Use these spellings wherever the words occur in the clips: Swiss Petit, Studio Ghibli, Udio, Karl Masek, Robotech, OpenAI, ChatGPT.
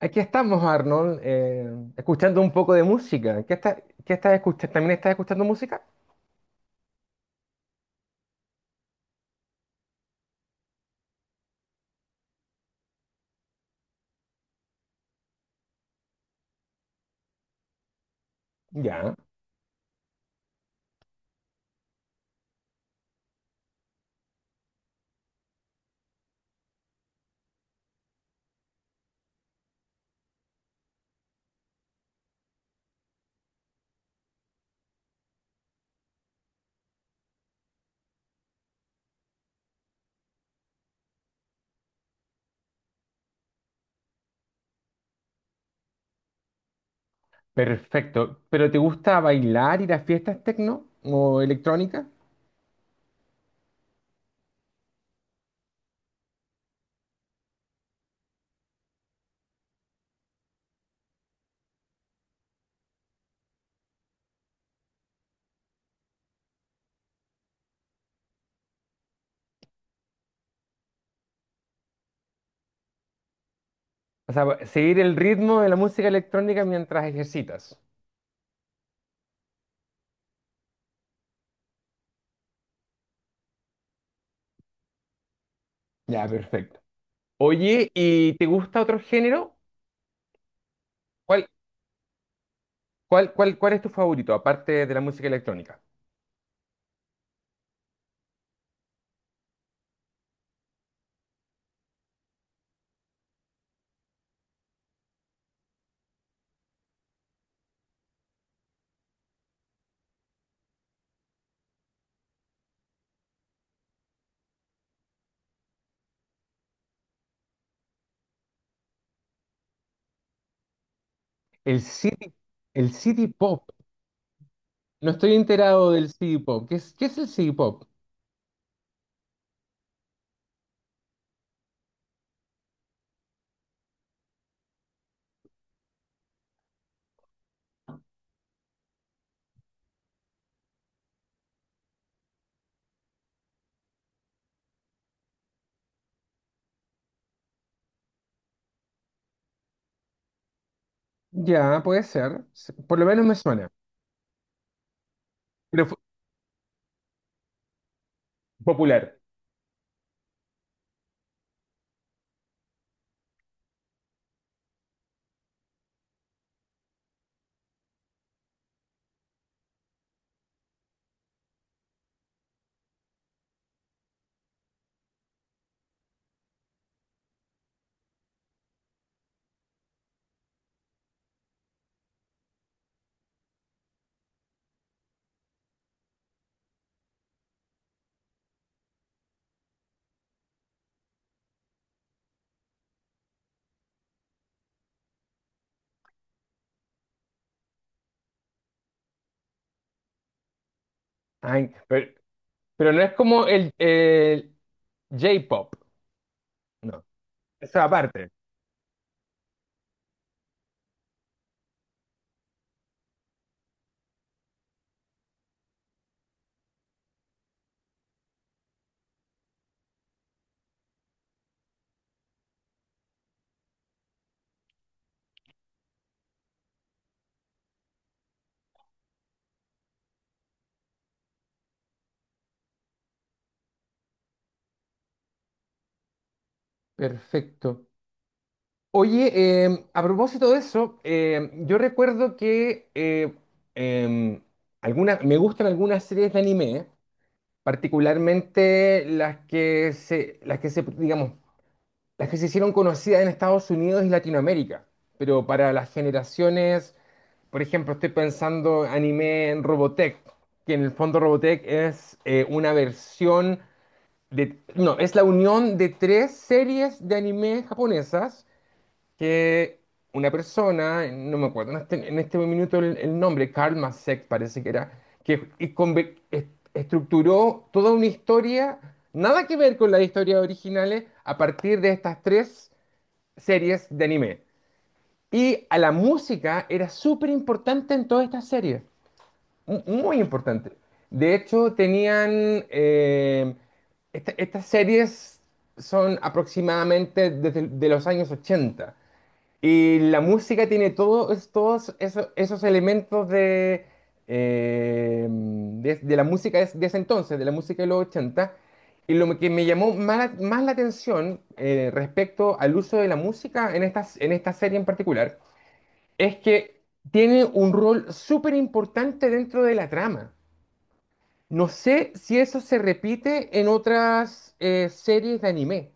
Aquí estamos, Arnold, escuchando un poco de música. ¿ qué estás escuchando? ¿También estás escuchando música? Ya, perfecto. ¿Pero te gusta bailar, ir a fiestas tecno o electrónica? O sea, seguir el ritmo de la música electrónica mientras ejercitas. Ya, perfecto. Oye, ¿y te gusta otro género? ¿Cuál, cuál es tu favorito, aparte de la música electrónica? El city, el city pop. No estoy enterado del city pop. ¿ qué es el city pop? Ya, puede ser. Se- Por lo menos me suena. Pero fu- popular. Ay, pero no es como el J-pop. No. Esa aparte. Perfecto. Oye, a propósito de eso, yo recuerdo que em, alguna- me gustan algunas series de anime, particularmente digamos, las que se hicieron conocidas en Estados Unidos y Latinoamérica, pero para las generaciones. Por ejemplo, estoy pensando anime en Robotech, que en el fondo Robotech es una versión de... No, es la unión de tres series de anime japonesas que una persona, no me acuerdo en en este minuto el nombre, Karl Masek parece que era, que y conver- est- estructuró toda una historia, nada que ver con las historias originales, a partir de estas tres series de anime. Y a la música era súper importante en todas estas series muy importante. De hecho, tenían... estas series son aproximadamente desde de los años ochenta. Y la música tiene todos elementos de, de la música de ese entonces, de la música de los ochenta. Y lo que me llamó más la atención respecto al uso de la música en en esta serie en particular es que tiene un rol súper importante dentro de la trama. No sé si eso se repite en otras series de anime.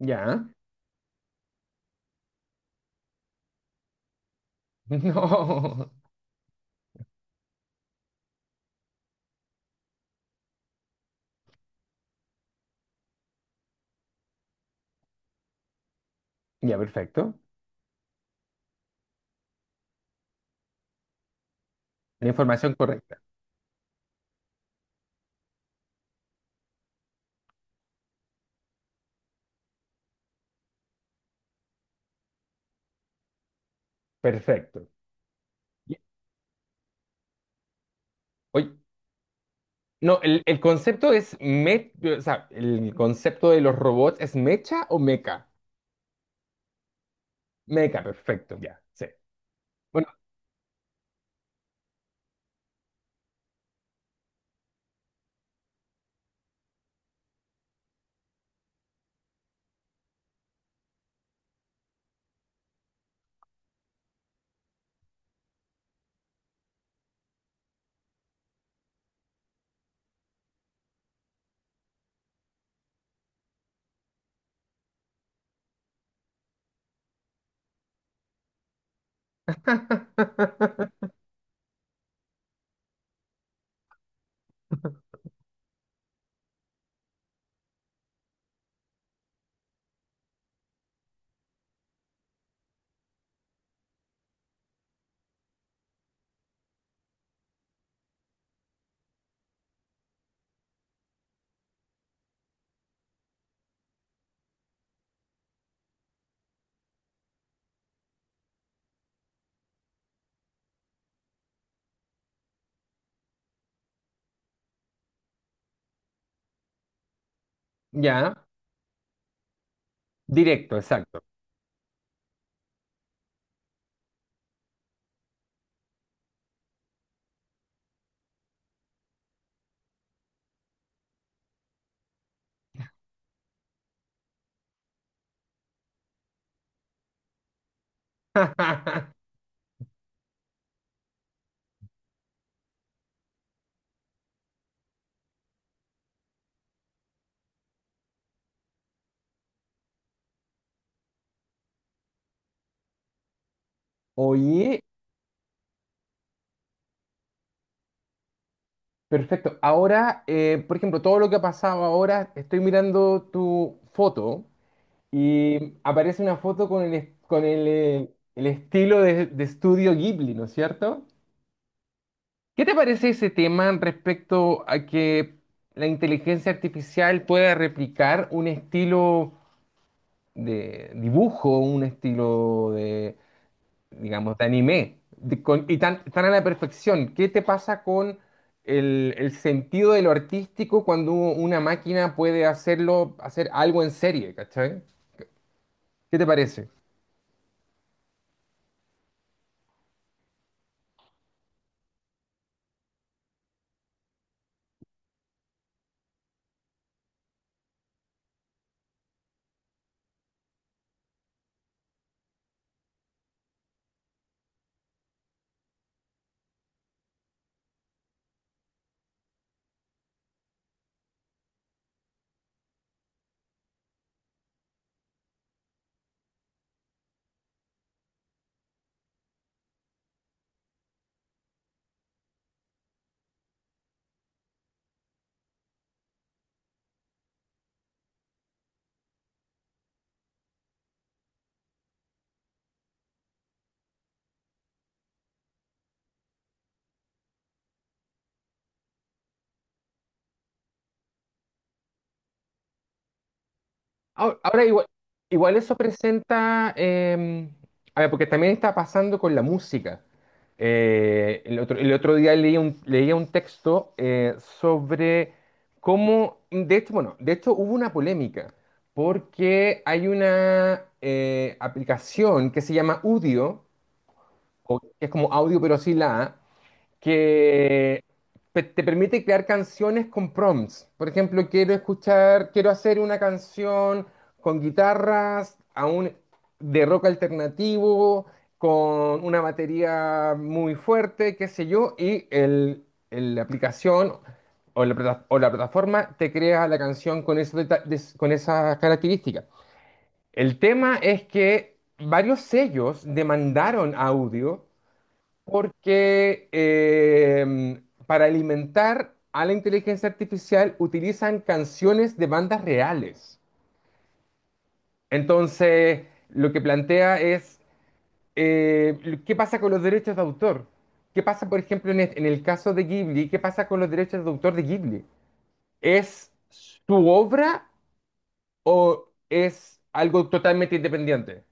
Ya. No. Ya, perfecto. La información correcta. Perfecto. Ya. Oye, no, el concepto es o sea, el concepto de los robots es mecha o meca. Meca, perfecto, ya. Sí. Bueno. Ya. Directo, exacto. Oye, perfecto. Ahora, por ejemplo, todo lo que ha pasado ahora, estoy mirando tu foto. Y aparece una foto con con el estilo de estudio Ghibli, ¿no es cierto? ¿Qué te parece ese tema respecto a que la inteligencia artificial pueda replicar un estilo de dibujo, un estilo de, digamos, de anime, y tan, tan a la perfección? ¿Qué te pasa con el sentido de lo artístico cuando una máquina puede hacerlo, hacer algo en serie, ¿cachai? ¿Qué te parece? Ahora, igual eso presenta, a ver, porque también está pasando con la música. El otro día leía un texto sobre cómo, de hecho, bueno, de hecho hubo una polémica, porque hay una aplicación que se llama Udio, o que es como audio pero sin la A, que te permite crear canciones con prompts. Por ejemplo, quiero escuchar, quiero hacer una canción con guitarras aún de rock alternativo, con una batería muy fuerte, qué sé yo, y la aplicación o la plataforma te crea la canción con, con esas características. El tema es que varios sellos demandaron audio porque para alimentar a la inteligencia artificial utilizan canciones de bandas reales. Entonces, lo que plantea es, eh, ¿qué pasa con los derechos de autor? ¿Qué pasa, por ejemplo, en en el caso de Ghibli? ¿Qué pasa con los derechos de autor de Ghibli? ¿Es su obra o es algo totalmente independiente?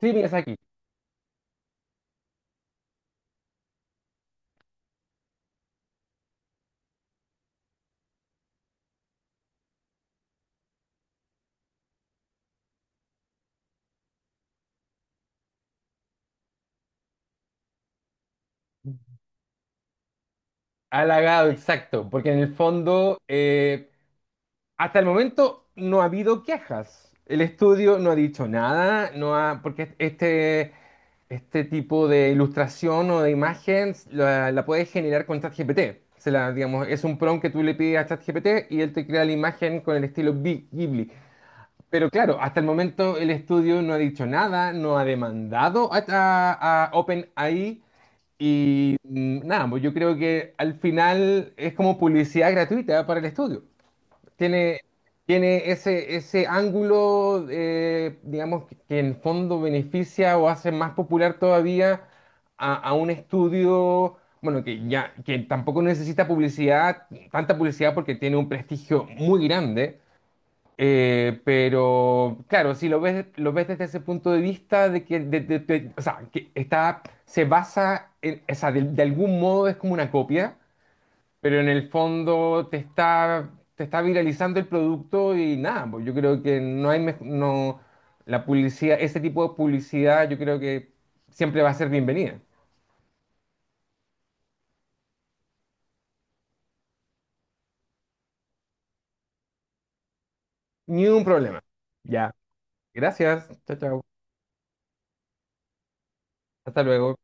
Sí, aquí halagado, exacto, porque en el fondo... hasta el momento no ha habido quejas. El estudio no ha dicho nada, no ha, porque este tipo de ilustración o de imagen la puedes generar con ChatGPT. Digamos, es un prompt que tú le pides a ChatGPT y él te crea la imagen con el estilo Ghibli. Pero claro, hasta el momento el estudio no ha dicho nada, no ha demandado a OpenAI y mm, nada, pues yo creo que al final es como publicidad gratuita para el estudio tiene, tiene ese ángulo, digamos, que en el fondo beneficia o hace más popular todavía a un estudio, bueno, que ya, que tampoco necesita publicidad, tanta publicidad porque tiene un prestigio muy grande. Pero claro, si lo ves, lo ves desde ese punto de vista de que, o sea, que está, se basa en, o sea, de algún modo es como una copia pero en el fondo te está viralizando el producto y nada, pues yo creo que no hay, mej- no, la publicidad, ese tipo de publicidad yo creo que siempre va a ser bienvenida. Ni un problema. Ya. Gracias, chao, chao. Hasta luego.